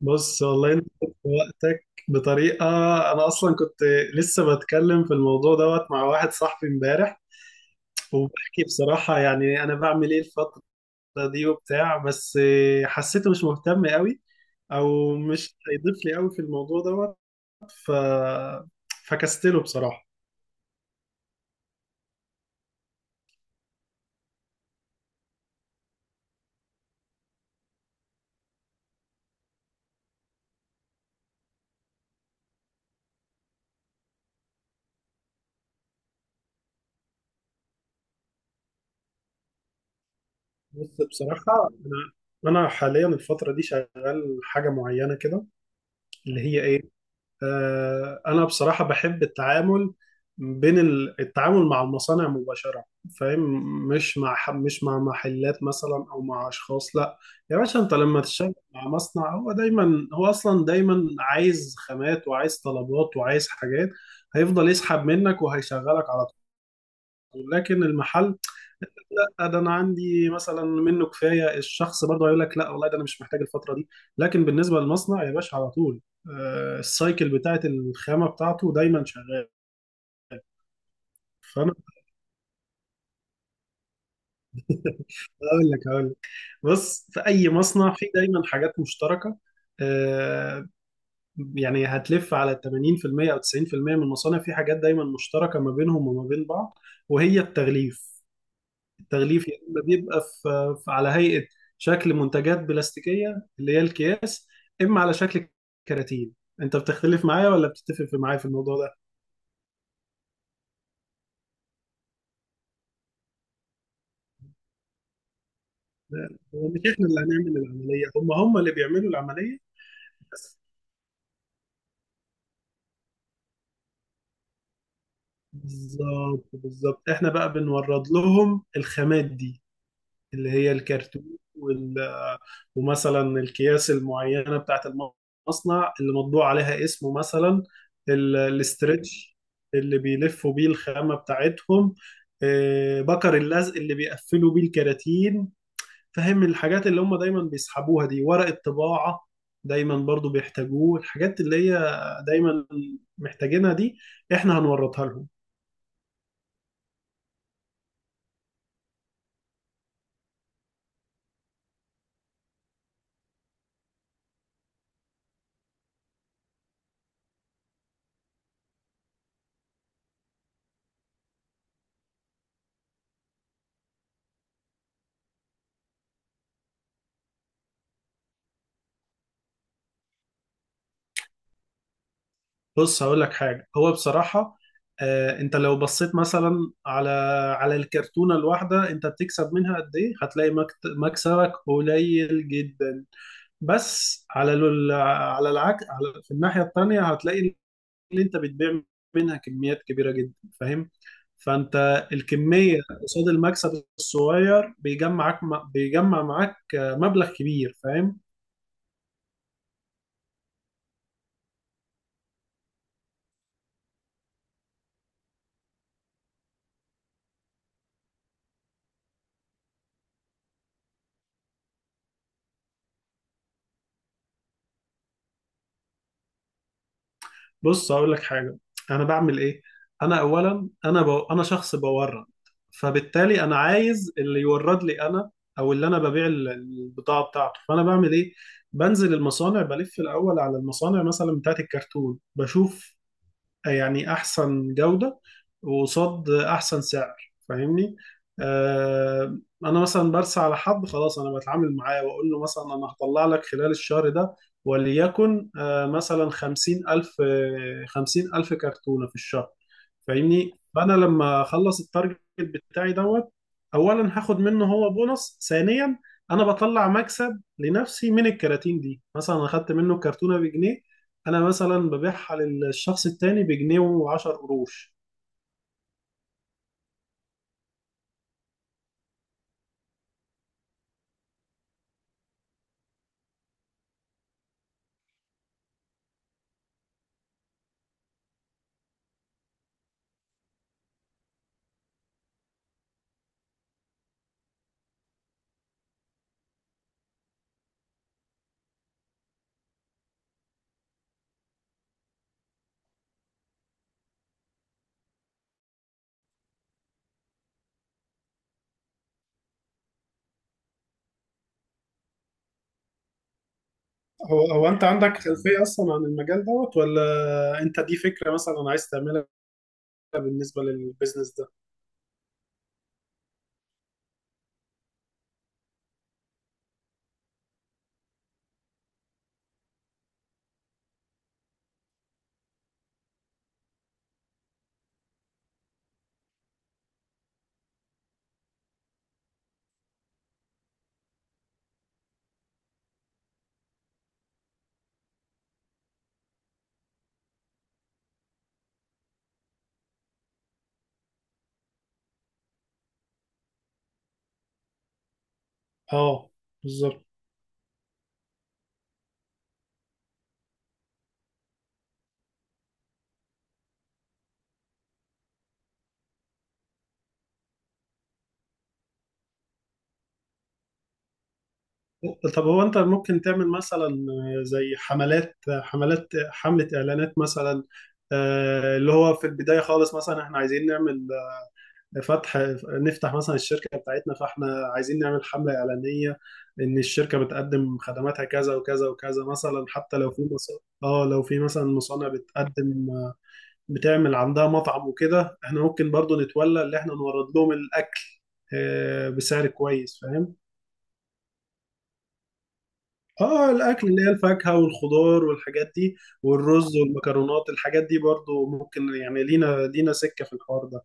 بص والله انت خدت وقتك بطريقه. انا اصلا كنت لسه بتكلم في الموضوع دوت مع واحد صاحبي امبارح، وبحكي بصراحه يعني انا بعمل ايه الفتره دي وبتاع، بس حسيته مش مهتم قوي او مش هيضيف لي قوي في الموضوع دوت. ف فكستله بصراحه. بس بصراحه انا حاليا الفتره دي شغال حاجه معينه كده، اللي هي ايه؟ انا بصراحه بحب التعامل بين التعامل مع المصانع مباشره، فاهم؟ مش مع محلات مثلا او مع اشخاص، لا. يا باشا انت لما تشتغل مع مصنع، هو دايما، هو اصلا دايما عايز خامات وعايز طلبات وعايز حاجات، هيفضل يسحب منك وهيشغلك على طول. لكن المحل لا، ده انا عندي مثلا منه كفايه، الشخص برضه هيقول لك لا والله ده انا مش محتاج الفتره دي. لكن بالنسبه للمصنع يا باشا على طول، السايكل بتاعت الخامه بتاعته دايما شغال. فانا هقول لك، بص في اي مصنع في دايما حاجات مشتركه. آه، يعني هتلف على 80% او 90% من المصانع، في حاجات دايما مشتركه ما بينهم وما بين بعض، وهي التغليف. التغليف يا اما بيبقى على هيئه شكل منتجات بلاستيكيه اللي هي الكياس، اما على شكل كراتين. انت بتختلف معايا ولا بتتفق معايا في الموضوع ده؟ لا، هو مش احنا اللي هنعمل العمليه، هم اللي بيعملوا العمليه، بس. بالظبط بالظبط، احنا بقى بنورد لهم الخامات دي اللي هي الكرتون وال... ومثلا الأكياس المعينة بتاعت المصنع اللي مطبوع عليها اسمه مثلا، الاسترتش اللي بيلفوا بيه الخامة بتاعتهم، بكر اللزق اللي بيقفلوا بيه الكراتين. فاهم الحاجات اللي هم دايما بيسحبوها دي؟ ورق الطباعة دايما برضو بيحتاجوه، الحاجات اللي هي دايما محتاجينها دي احنا هنورطها لهم. بص هقول لك حاجة، هو بصراحة انت لو بصيت مثلا على على الكرتونة الواحدة انت بتكسب منها قد ايه، هتلاقي مكسبك قليل جدا. بس على على العكس، على في الناحية التانية هتلاقي ان انت بتبيع منها كميات كبيرة جدا، فاهم؟ فانت الكمية قصاد المكسب الصغير بيجمعك، بيجمع معاك مبلغ كبير، فاهم؟ بص هقول لك حاجه، انا بعمل ايه؟ انا اولا انا شخص بورد، فبالتالي انا عايز اللي يورد لي انا، او اللي انا ببيع البضاعه بتاعته. فانا بعمل ايه؟ بنزل المصانع، بلف الاول على المصانع مثلا بتاعت الكرتون، بشوف يعني احسن جودة وقصاد احسن سعر، فاهمني؟ آه انا مثلا برسى على حد، خلاص انا بتعامل معاه واقول له مثلا انا هطلع لك خلال الشهر ده، وليكن مثلا خمسين الف، خمسين الف كرتونة في الشهر، فاهمني؟ فانا لما اخلص التارجت بتاعي دوت، اولا هاخد منه هو بونص، ثانيا انا بطلع مكسب لنفسي من الكراتين دي. مثلا اخدت منه كرتونه بجنيه، انا مثلا ببيعها للشخص التاني بجنيه وعشر قروش. هو انت عندك خلفية اصلا عن المجال دوت، ولا انت دي فكرة مثلا عايز تعملها بالنسبة للبيزنس ده؟ اه، بالظبط. طب هو انت ممكن تعمل مثلا زي حملات حملات حملة اعلانات مثلا، اللي هو في البداية خالص مثلا احنا عايزين نعمل فتح، نفتح مثلا الشركة بتاعتنا، فاحنا عايزين نعمل حملة إعلانية إن الشركة بتقدم خدماتها كذا وكذا وكذا مثلا، حتى لو اه لو في مثلا مصانع بتقدم، بتعمل عندها مطعم وكده، احنا ممكن برضو نتولى اللي احنا نورد لهم الأكل، بسعر كويس، فاهم؟ اه، الأكل اللي هي الفاكهة والخضار والحاجات دي والرز والمكرونات، الحاجات دي برضو ممكن يعني لينا لينا سكة في الحوار ده.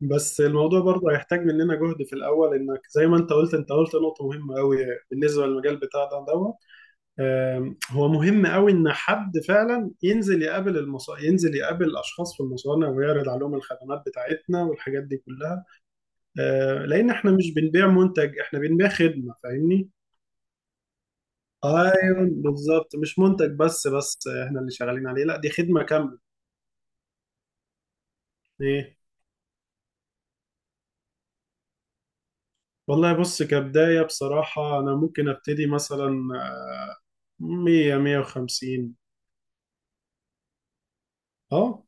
بس الموضوع برضه هيحتاج مننا جهد في الأول، إنك زي ما أنت قلت، أنت قلت نقطة مهمة أوي بالنسبة للمجال بتاع ده دوت. هو مهم أوي إن حد فعلا ينزل يقابل ينزل يقابل أشخاص في المصانع ويعرض عليهم الخدمات بتاعتنا والحاجات دي كلها، لأن إحنا مش بنبيع منتج، إحنا بنبيع خدمة، فاهمني؟ أيوه بالظبط، مش منتج بس إحنا اللي شغالين عليه، لا دي خدمة كاملة. إيه؟ والله بص، كبداية بصراحة أنا ممكن أبتدي مثلا 100 150. اه،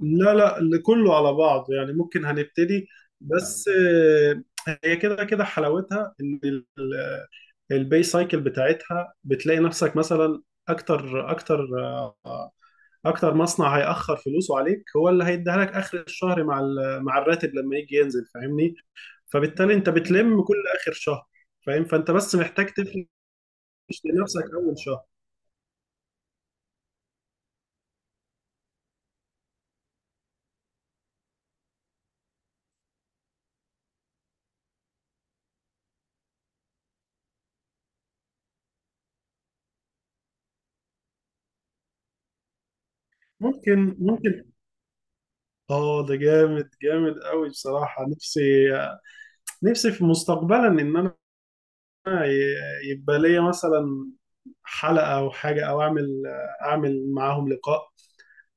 لا لا، اللي كله على بعضه يعني، ممكن هنبتدي. بس هي كده كده حلاوتها، ان البي سايكل بتاعتها، بتلاقي نفسك مثلا اكتر اكتر اكتر مصنع هيأخر فلوسه عليك هو اللي هيديها لك اخر الشهر مع مع الراتب لما يجي ينزل، فاهمني؟ فبالتالي انت بتلم كل اخر شهر، فاهم؟ فانت بس محتاج تفرش لنفسك اول شهر. ممكن، ممكن. اه ده جامد، جامد قوي بصراحة. نفسي، نفسي في مستقبلا ان انا يبقى ليا مثلا حلقة او حاجة، او اعمل، معاهم لقاء،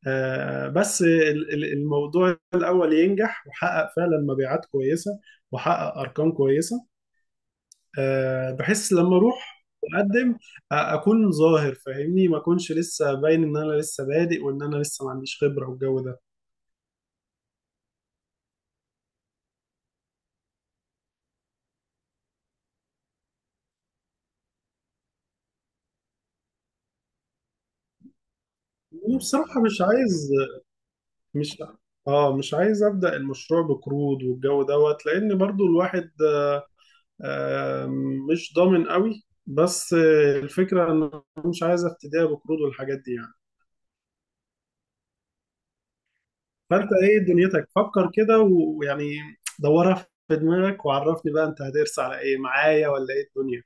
بس الموضوع الاول ينجح وحقق فعلا مبيعات كويسة وحقق ارقام كويسة. بحس لما اروح اقدم اكون ظاهر، فاهمني؟ ما اكونش لسه باين ان انا لسه بادئ، وان انا لسه ما عنديش خبرة والجو ده. وبصراحة مش اه مش عايز ابدا المشروع بقروض والجو دوت، لان برضو الواحد آم، مش ضامن قوي. بس الفكرة ان أنا مش عايز افتديها بقروض والحاجات دي يعني. فانت ايه دنيتك؟ فكر كده ويعني دورها في دماغك، وعرفني بقى انت هترسى على ايه معايا ولا ايه الدنيا.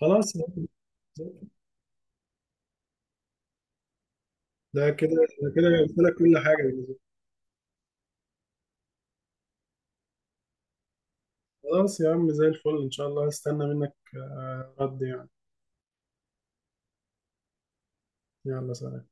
خلاص يا عم، ده كده، ده كده قلت لك كل حاجة بالنسبة لي. خلاص يا عم، زي الفل ان شاء الله، هستنى منك رد يعني. يلا سلام.